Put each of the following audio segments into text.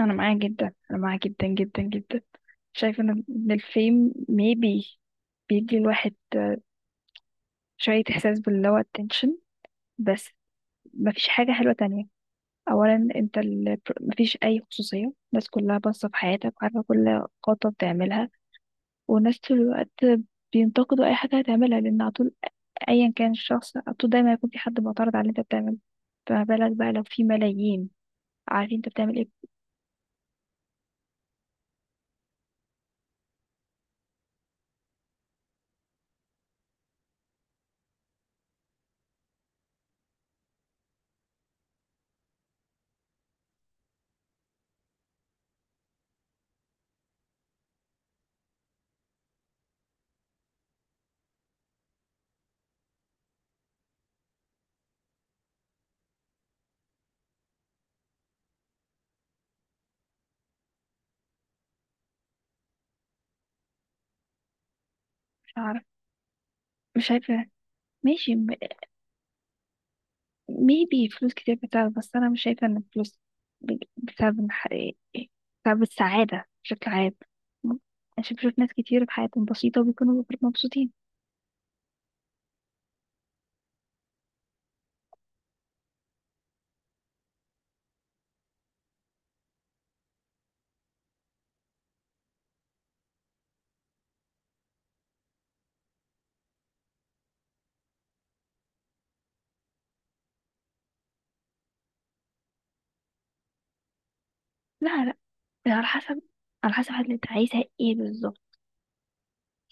انا معاه جدا جدا جدا. شايفه إن الفيم maybe بيدي الواحد شويه احساس باللي هو attention بس. مفيش حاجه حلوه تانية. اولا، مفيش اي خصوصيه، الناس كلها باصه في حياتك وعارفه كل خطوه بتعملها. والناس طول الوقت بينتقدوا اي حاجه هتعملها، لان على طول، ايا كان الشخص، على طول دايما هيكون في حد معترض على اللي انت بتعمله. فما بالك بقى لو في ملايين عارفين انت بتعمل ايه؟ مش عارف مش عارفه. ماشي. ميبي فلوس كتير بتساعد، بس انا مش شايفه ان الفلوس بتساعد، بتساعد السعاده بشكل عام. م- بشوف ناس كتير في حياتهم بسيطه وبيكونوا مبسوطين. لا، لا، على حسب اللي انت عايزها ايه بالظبط.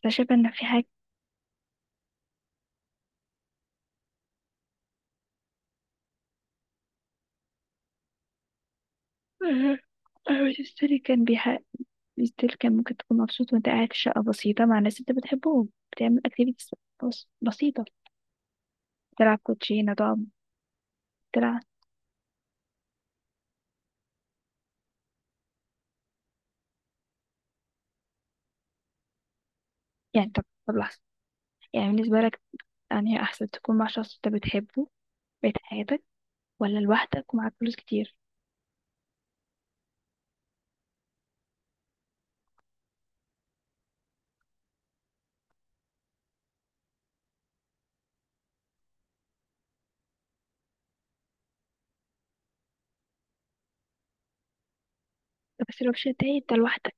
انا شايفه ان في حاجه. ستيل كان بيح... ستيل كان ممكن تكون مبسوط وانت قاعد في شقه بسيطه مع ناس انت بتحبهم، بتعمل اكتيفيتيز بسيطه. تلعب كوتشينه، تقعد تلعب. يعني طب لحظه، يعني بالنسبه لك، يعني احسن تكون مع شخص انت بتحبه بقيت حياتك، ولا لوحدك ومعاك فلوس كتير؟ طب بس الاوبشن التاني انت لوحدك،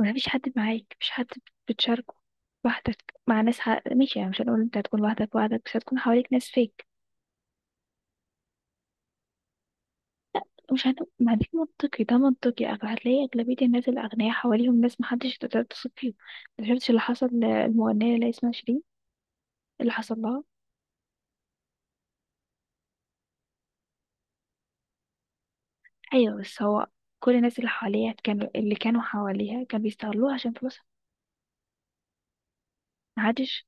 مفيش حد معاك، مفيش حد بتشاركه، لوحدك مع ناس ماشي، يعني مش هنقول انت هتكون لوحدك لوحدك، بس هتكون حواليك ناس فيك. مش هن... ما دي منطقي، هتلاقي أغلبية الناس الأغنياء حواليهم ناس محدش تقدر تثق فيهم. ما شفتش اللي حصل للمغنية اللي اسمها شيرين؟ اللي حصل لها. أيوة بس هو كل الناس اللي حواليها اللي كانوا حواليها كانوا بيستغلوها عشان فلوسها. محدش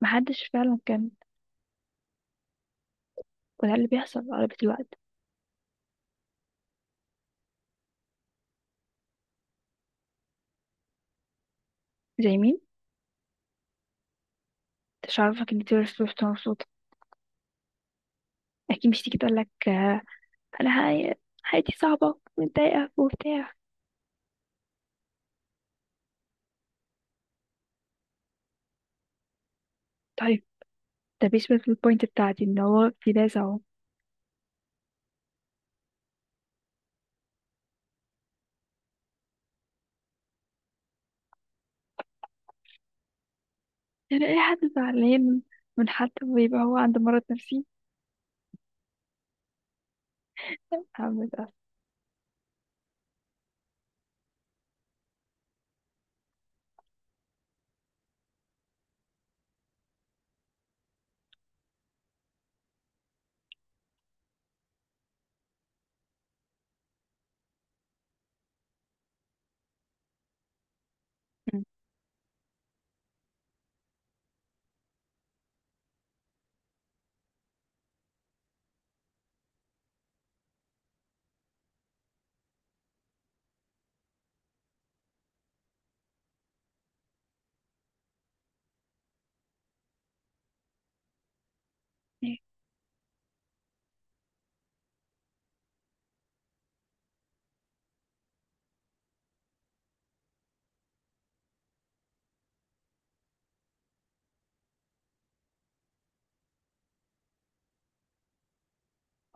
محدش فعلا كان. وده اللي بيحصل أغلبية الوقت. زي مين؟ مش عارفة ان تايلور سويفت مبسوطة. اكيد مش تيجي تقولك آه، انا حياتي صعبة ومتضايقة وبتاع. طيب، ده بيشبه البوينت بتاعتي ان هو في ناس اهو. يعني اي حد زعلان من حد ويبقى هو عنده مرض نفسي؟ هعمل ده. مم. إيه؟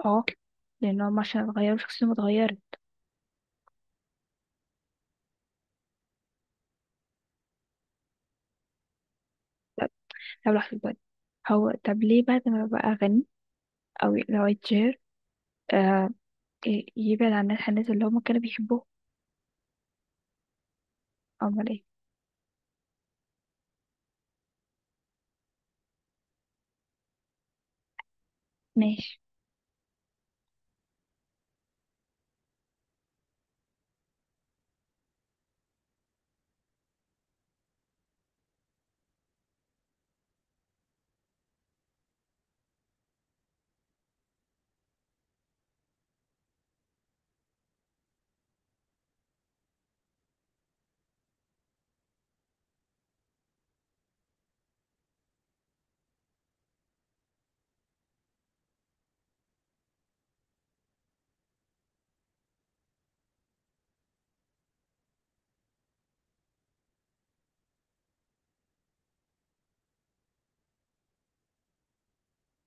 اه، لان هم عشان اتغيروا شخصيتهم اتغيرت. طب طب لحظة بقى، هو طب ليه بعد ما بقى غني او لو اتشهر آه يبعد عن الناس اللي هم كانوا بيحبوه؟ امال ايه. ماشي.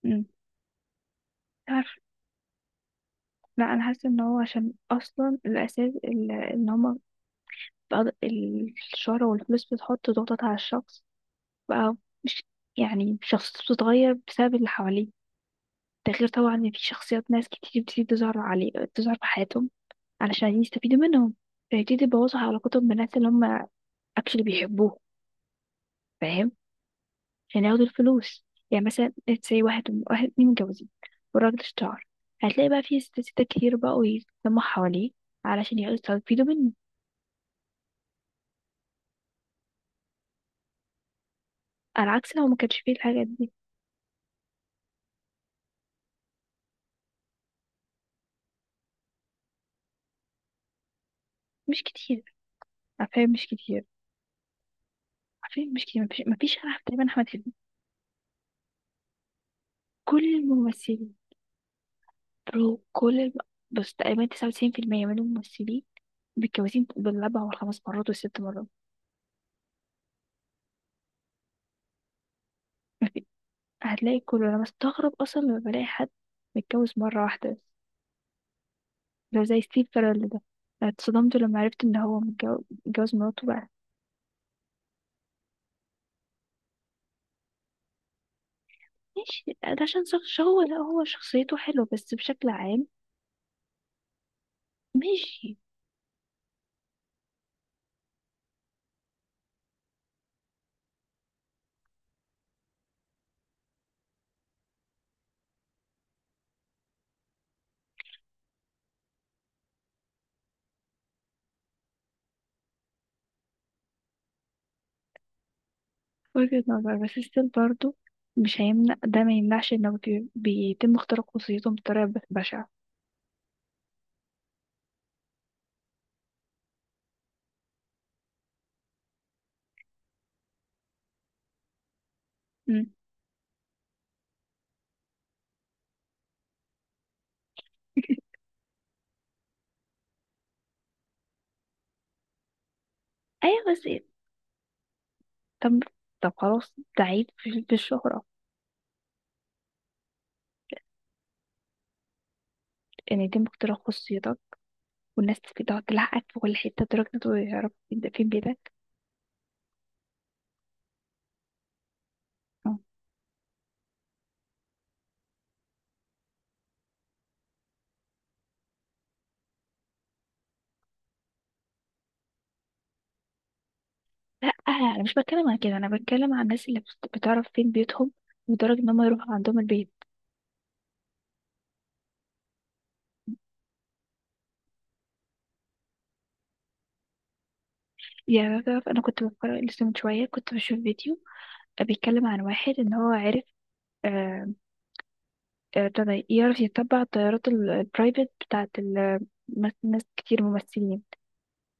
مم. لا، انا حاسه ان هو عشان اصلا الاساس ان هما الشهرة والفلوس بتحط ضغطات على الشخص بقى. مش يعني شخصيته بتتغير بسبب اللي حواليه. ده غير طبعا ان في شخصيات ناس كتير بتيجي تظهر في حياتهم علشان يستفيدوا منهم، فيبتدي يبوظوا علاقتهم بالناس اللي هما اكشلي بيحبوهم، فاهم، عشان ياخدوا الفلوس. يعني مثلا زي واحد اتنين متجوزين والراجل اشتهر، هتلاقي بقى في ست ستات كتير بقوا يتلموا حواليه علشان يقدروا يستفيدوا منه. على عكس لو ما كانش فيه الحاجات دي. مش كتير، عارفين مش كتير عارفين مش كتير، مفيش انا تقريبا احمد حلمي، كل الممثلين. برو، بس تقريبا 99% من الممثلين متجوزين بالاربع والخمس مرات والست مرات. مفي- هتلاقي كله، انا بستغرب اصلا لما بلاقي حد متجوز مره واحده بس، لو زي ستيف كارل ده. أنا اتصدمت لما عرفت ان هو متجوز مراته بقى. ماشي، ده عشان شخص، هو لا، هو شخصيته حلوة بس بشكل عام. ماشي. وجهة نظر، بس ستيل برضو مش هيمنع، ده ما يمنعش انه بيتم اختراق خصوصيتهم بطريقة بشعة. مم. ايوه بس إيه؟ طب طب خلاص، ده عيب في الشهرة؟ ان يتم اختراق خصوصيتك والناس تقعد تلحقك في كل حتة لدرجة إن هو يعرف فين بيتك. آه. لا، انا مش بتكلم عن كده، انا بتكلم عن الناس اللي بتعرف فين بيتهم لدرجة ان هم يروحوا عندهم البيت. يعني تعرف، انا كنت بتفرج لسه من شوية، كنت بشوف فيديو بيتكلم عن واحد ان هو عرف ابتدى يعرف يتبع الطيارات البرايفت بتاعت ناس كتير ممثلين،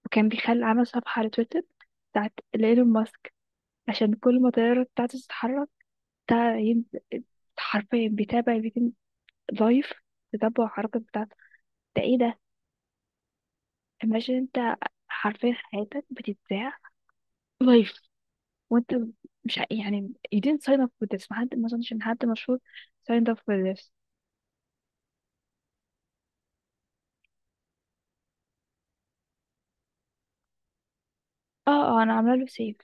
وكان عمل صفحة على تويتر بتاعت ايلون ماسك، عشان كل ما الطيارة بتاعته تتحرك بتاع ين- حرفيا بيتم لايف، تتبع الحركات بتاعته. ده ايه ده؟ imagine انت حرفيا حياتك بتتذاع لايف، وانت مش ع- يعني you didn't sign up for this. ما اظنش ان حد مشهور signed up for this. اه، اه، انا عامله له سيف.